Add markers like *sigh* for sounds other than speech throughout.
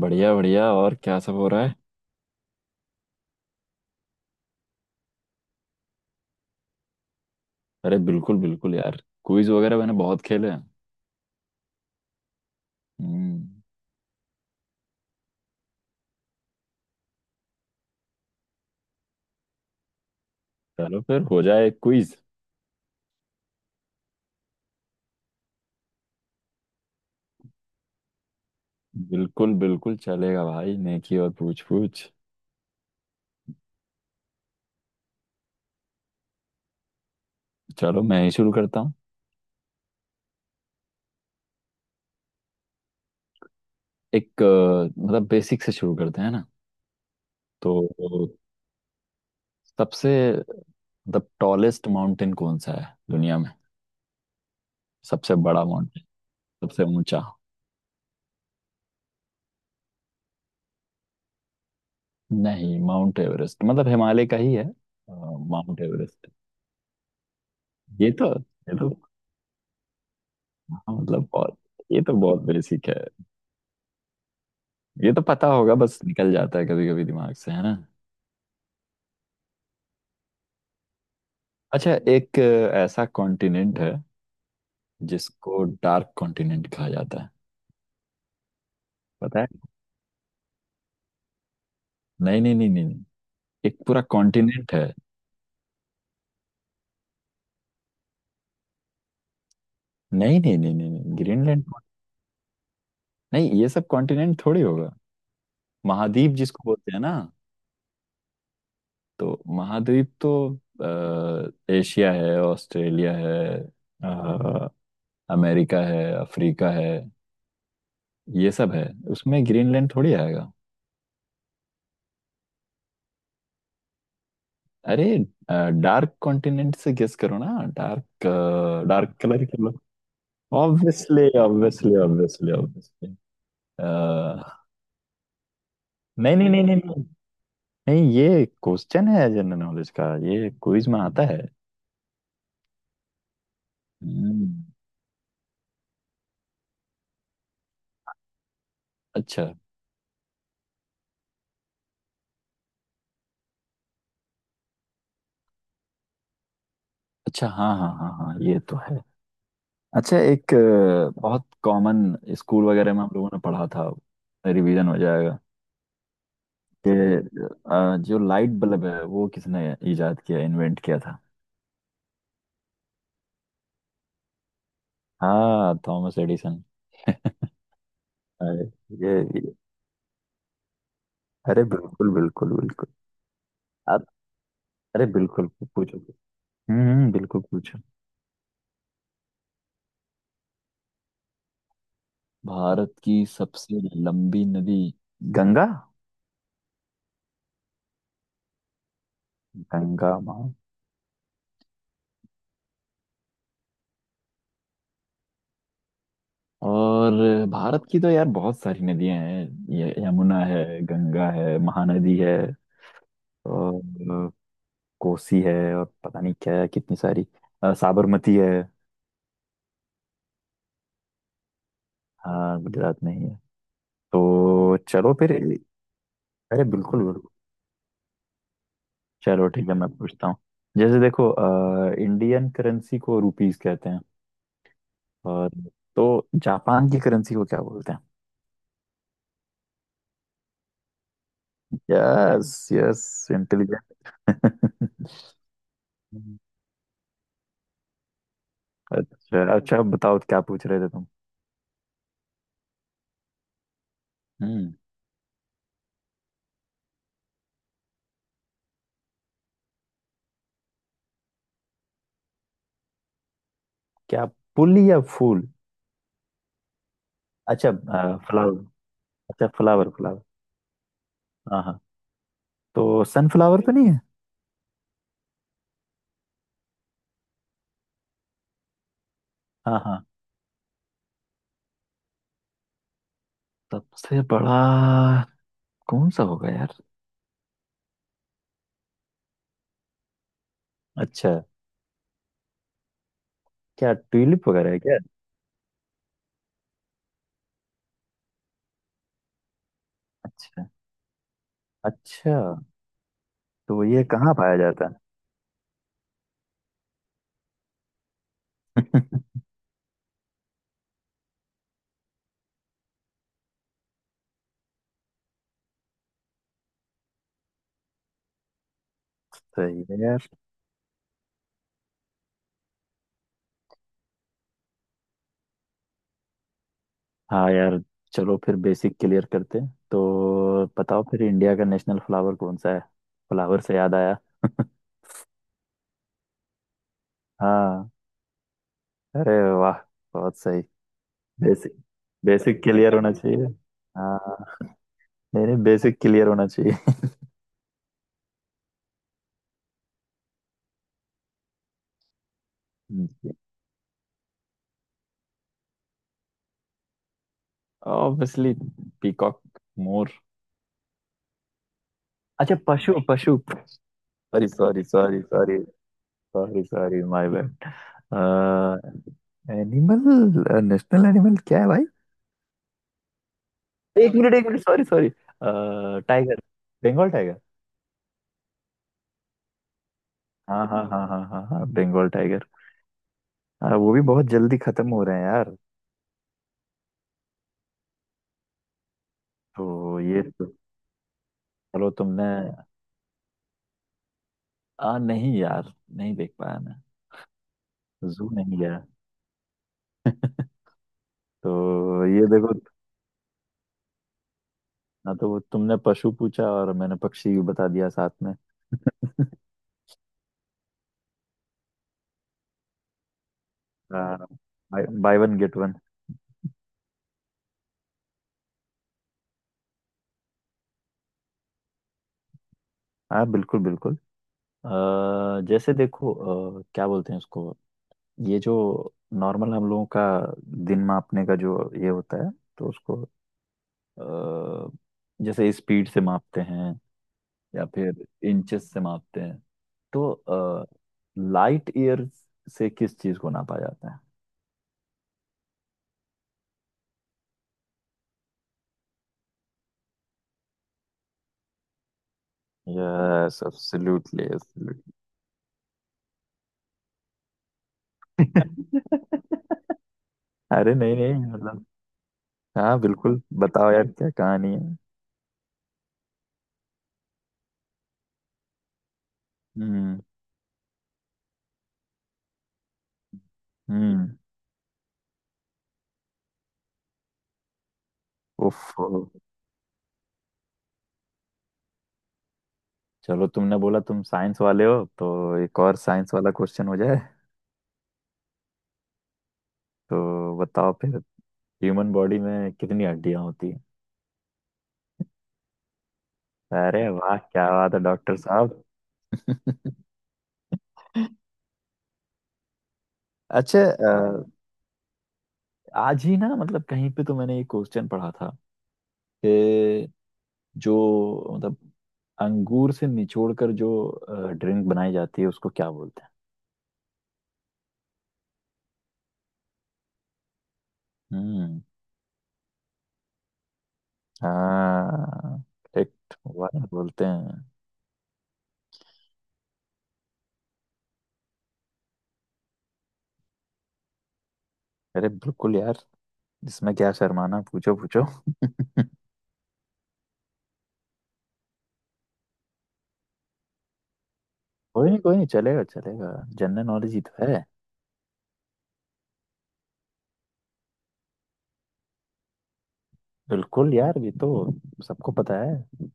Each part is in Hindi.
बढ़िया बढ़िया, और क्या सब हो रहा है? अरे बिल्कुल बिल्कुल यार। क्विज वगैरह मैंने बहुत खेले हैं। हम्म। चलो फिर हो जाए क्विज। बिल्कुल बिल्कुल चलेगा भाई, नेकी और पूछ पूछ। चलो, मैं ही शुरू करता हूँ। एक मतलब बेसिक से शुरू करते हैं ना। तो सबसे, मतलब, टॉलेस्ट माउंटेन कौन सा है दुनिया में? सबसे बड़ा माउंटेन, सबसे ऊंचा। नहीं, माउंट एवरेस्ट मतलब हिमालय का ही है। Mount Everest. ये तो। हाँ, मतलब बहुत। ये तो बहुत बेसिक है। ये तो पता होगा, बस निकल जाता है कभी कभी दिमाग से, है ना। अच्छा, एक ऐसा कॉन्टिनेंट है जिसको डार्क कॉन्टिनेंट कहा जाता है। पता है? नहीं, नहीं, नहीं, नहीं, नहीं। एक पूरा कॉन्टिनेंट है। नहीं, नहीं, नहीं, नहीं, नहीं, ग्रीनलैंड। नहीं, ये सब कॉन्टिनेंट थोड़ी होगा। महाद्वीप जिसको बोलते हैं ना। तो महाद्वीप तो एशिया है, ऑस्ट्रेलिया है, अ, अमेरिका है, अफ्रीका है। ये सब है, उसमें ग्रीनलैंड थोड़ी आएगा। अरे, डार्क कॉन्टिनेंट से गेस करो ना। डार्क। डार्क कलर ही कर लो। Obviously, obviously, obviously, obviously. नहीं, नहीं, नहीं, नहीं, नहीं। नहीं, ये क्वेश्चन है जनरल नॉलेज का, ये क्विज में आता है। हम्म, अच्छा। अच्छा, हाँ, हाँ, हाँ, हाँ, ये तो है। अच्छा, एक बहुत कॉमन। स्कूल वगैरह में हम लोगों ने पढ़ा था। रिवीजन हो जाएगा। कि जो लाइट बल्ब है, वो किसने इजाद किया, इन्वेंट किया था? हाँ, थॉमस एडिसन। *laughs* अरे, ये। अरे बिल्कुल, बिल्कुल, बिल्कुल। आप। अरे बिल्कुल, पूछो। बिल्कुल पूछो। भारत की सबसे लंबी नदी? गंगा। गंगा माँ। और भारत की तो यार बहुत सारी नदियां हैं। ये यमुना है, गंगा है, महानदी है। और कोसी है, और पता नहीं क्या है, कितनी सारी। साबरमती है। हाँ, गुजरात में ही है। तो चलो फिर। अरे बिल्कुल। चलो ठीक है, मैं पूछता हूँ। जैसे देखो, इंडियन करेंसी को रुपीस कहते हैं। और तो जापान की करेंसी को क्या बोलते हैं? Yes, yes. इंटेलिजेंट। *laughs* अच्छा अच्छा, अब बताओ क्या पूछ रहे थे तुम। हम्म। क्या, पुल या फूल? अच्छा, फ्लावर। अच्छा, फ्लावर। फ्लावर। हाँ, हाँ। तो सनफ्लावर तो नहीं है? हाँ, हाँ। सबसे बड़ा कौन सा होगा यार? अच्छा, क्या ट्यूलिप वगैरह है क्या? अच्छा, अच्छा। तो ये कहाँ पाया जाता है? सही है यार। हाँ यार। चलो फिर बेसिक क्लियर करते हैं, तो बताओ फिर इंडिया का नेशनल फ्लावर कौन सा है? फ्लावर से याद आया। हाँ। अरे वाह। बहुत सही। बेसिक बेसिक क्लियर होना चाहिए। हाँ। नहीं नहीं, बेसिक क्लियर होना चाहिए। ऑब्वियसली। पीकॉक। मोर। अच्छा, पशु, पशु। Sorry, sorry, sorry, sorry. Sorry, sorry, my bad. Animal. National animal क्या है भाई? एक मिनट, एक minute, sorry, sorry. Tiger. Bengal tiger. हाँ, हाँ, हाँ, हाँ, हाँ, हाँ, बंगाल टाइगर। वो भी बहुत जल्दी खत्म हो रहे हैं यार। तो ये तो। चलो तुमने। आ नहीं यार, नहीं देख पाया मैं। जू नहीं गया। तो ये देखो। ना तो वो, तुमने पशु पूछा और मैंने पक्षी भी बता दिया साथ में। आ, बाय वन गेट वन। हाँ बिल्कुल, बिल्कुल। जैसे देखो। क्या बोलते हैं उसको? ये जो नॉर्मल हम लोगों का दिन मापने का जो ये होता है, तो उसको अ, जैसे स्पीड से मापते हैं। या फिर इंचेस से मापते हैं। तो लाइट ईयर से किस चीज को नापा जाता है? Yes, absolutely, absolutely. *laughs* अरे नहीं नहीं, मतलब। हाँ बिल्कुल, बताओ यार क्या कहानी है। हम्म हम्म। उफ। चलो, तुमने बोला तुम साइंस वाले हो, तो एक और साइंस वाला क्वेश्चन हो जाए। तो बताओ फिर। ह्यूमन बॉडी में कितनी हड्डियां होती? अरे वाह, क्या बात है डॉक्टर साहब। *laughs* अच्छा, आज ही ना मतलब कहीं पे तो मैंने एक क्वेश्चन पढ़ा था। कि जो मतलब अंगूर से निचोड़ कर जो ड्रिंक बनाई जाती है उसको क्या बोलते हैं? हम्म। हाँ, करेक्ट, वाह, बोलते हैं। अरे बिल्कुल यार, इसमें क्या शर्माना, पूछो पूछो। कोई नहीं, कोई नहीं, चलेगा, चलेगा। जनरल नॉलेज ही तो है। बिल्कुल यार, ये तो सबको पता है।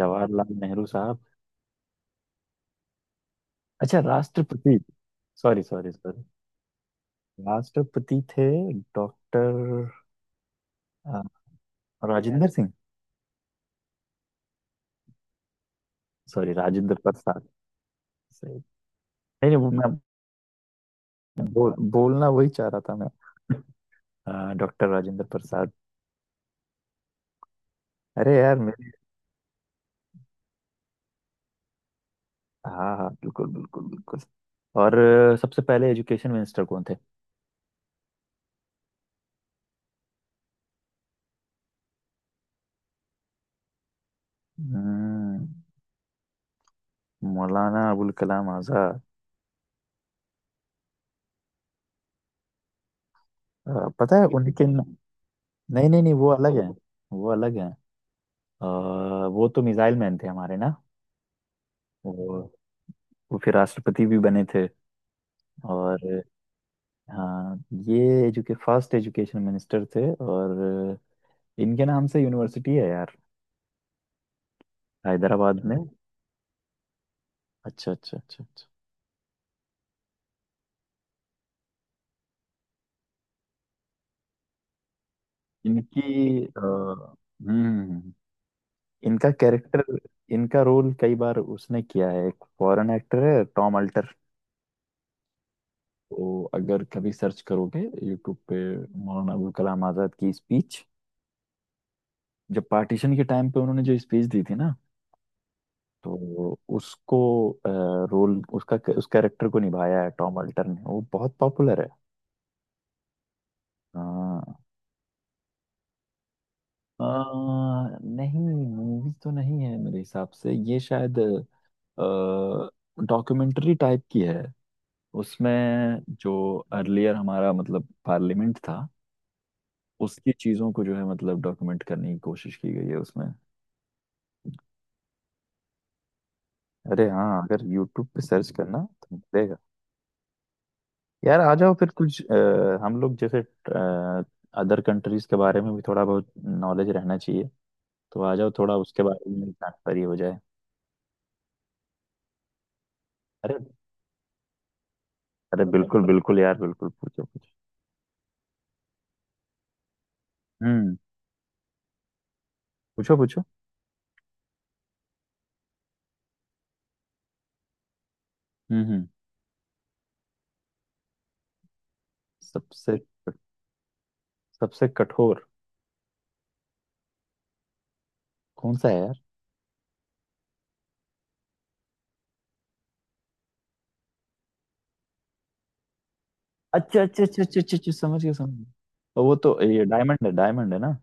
जवाहरलाल नेहरू साहब। अच्छा, राष्ट्रपति। Sorry, sorry, sorry. राष्ट्रपति थे। डॉक्टर राजेंद्र सिंह। सॉरी, राजेंद्र प्रसाद। सही। नहीं नहीं, वो मैं बोलना वही चाह रहा था मैं। डॉक्टर राजेंद्र प्रसाद। अरे यार मेरे। हाँ हाँ, बिल्कुल, बिल्कुल, बिल्कुल। और सबसे पहले एजुकेशन मिनिस्टर कौन थे? हम्म, मौलाना अबुल कलाम आजाद। पता है उनके न... नहीं नहीं नहीं, वो अलग है। वो अलग है। वो तो मिसाइल मैन थे हमारे ना। वो वो फिर राष्ट्रपति भी बने थे। और हाँ, ये एजुके फर्स्ट एजुकेशन मिनिस्टर थे, और इनके नाम से यूनिवर्सिटी है यार। हैदराबाद में। अच्छा, अच्छा, अच्छा, अच्छा। इनकी। हम्म। इनका कैरेक्टर। इनका रोल कई बार उसने किया है, एक फॉरेन एक्टर है टॉम अल्टर। तो अगर कभी सर्च करोगे यूट्यूब पे मौलाना अबुल कलाम आज़ाद की स्पीच। जब पार्टीशन के टाइम पे उन्होंने जो स्पीच दी थी ना। तो उसको, रोल उसका, उस कैरेक्टर को निभाया है टॉम अल्टर ने, वो बहुत पॉपुलर है। हाँ, अ, नहीं, मूवी तो नहीं है मेरे हिसाब से, ये शायद डॉक्यूमेंट्री टाइप की है। उसमें जो अर्लियर हमारा मतलब पार्लियामेंट था। उसकी चीज़ों को जो है मतलब डॉक्यूमेंट करने की कोशिश की गई है उसमें। अरे हाँ, अगर यूट्यूब पे सर्च करना तो मिलेगा। यार आ जाओ फिर कुछ, हम लोग जैसे अदर कंट्रीज के बारे में भी थोड़ा बहुत नॉलेज रहना चाहिए। तो आ जाओ थोड़ा उसके बारे में जानकारी हो जाए। अरे, अरे बिल्कुल बिल्कुल यार, बिल्कुल पूछो पूछो। हम्म, पूछो पूछो। हम्म। सबसे सबसे कठोर कौन सा है यार? अच्छा, अच्छा, अच्छा, अच्छा, अच्छा, अच्छा, समझ गया, समझ गया। और वो तो ये डायमंड है, डायमंड है ना।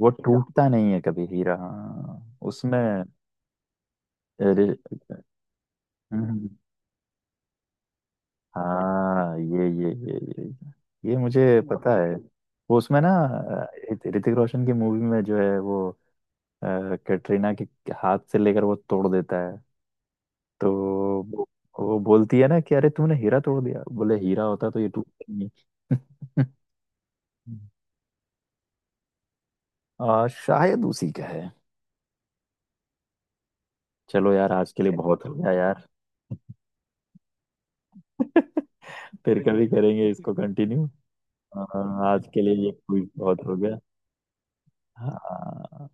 वो टूटता नहीं है कभी, हीरा, हाँ, उसमें। अरे, हम्म, हम्म। हाँ ये मुझे पता है। वो उसमें ना, ऋतिक रोशन की मूवी में जो है वो, अ, कैटरीना के हाथ से लेकर वो तोड़ देता है। तो वो, वो बोलती है ना कि अरे तूने हीरा तोड़ दिया, बोले हीरा होता तो ये टूटता ही नहीं। *laughs* शायद उसी का है। चलो यार, आज के लिए *laughs* बहुत हो गया यार। *laughs* फिर कभी करेंगे इसको कंटिन्यू। आज के लिए ये क्विज बहुत हो गया। हाँ।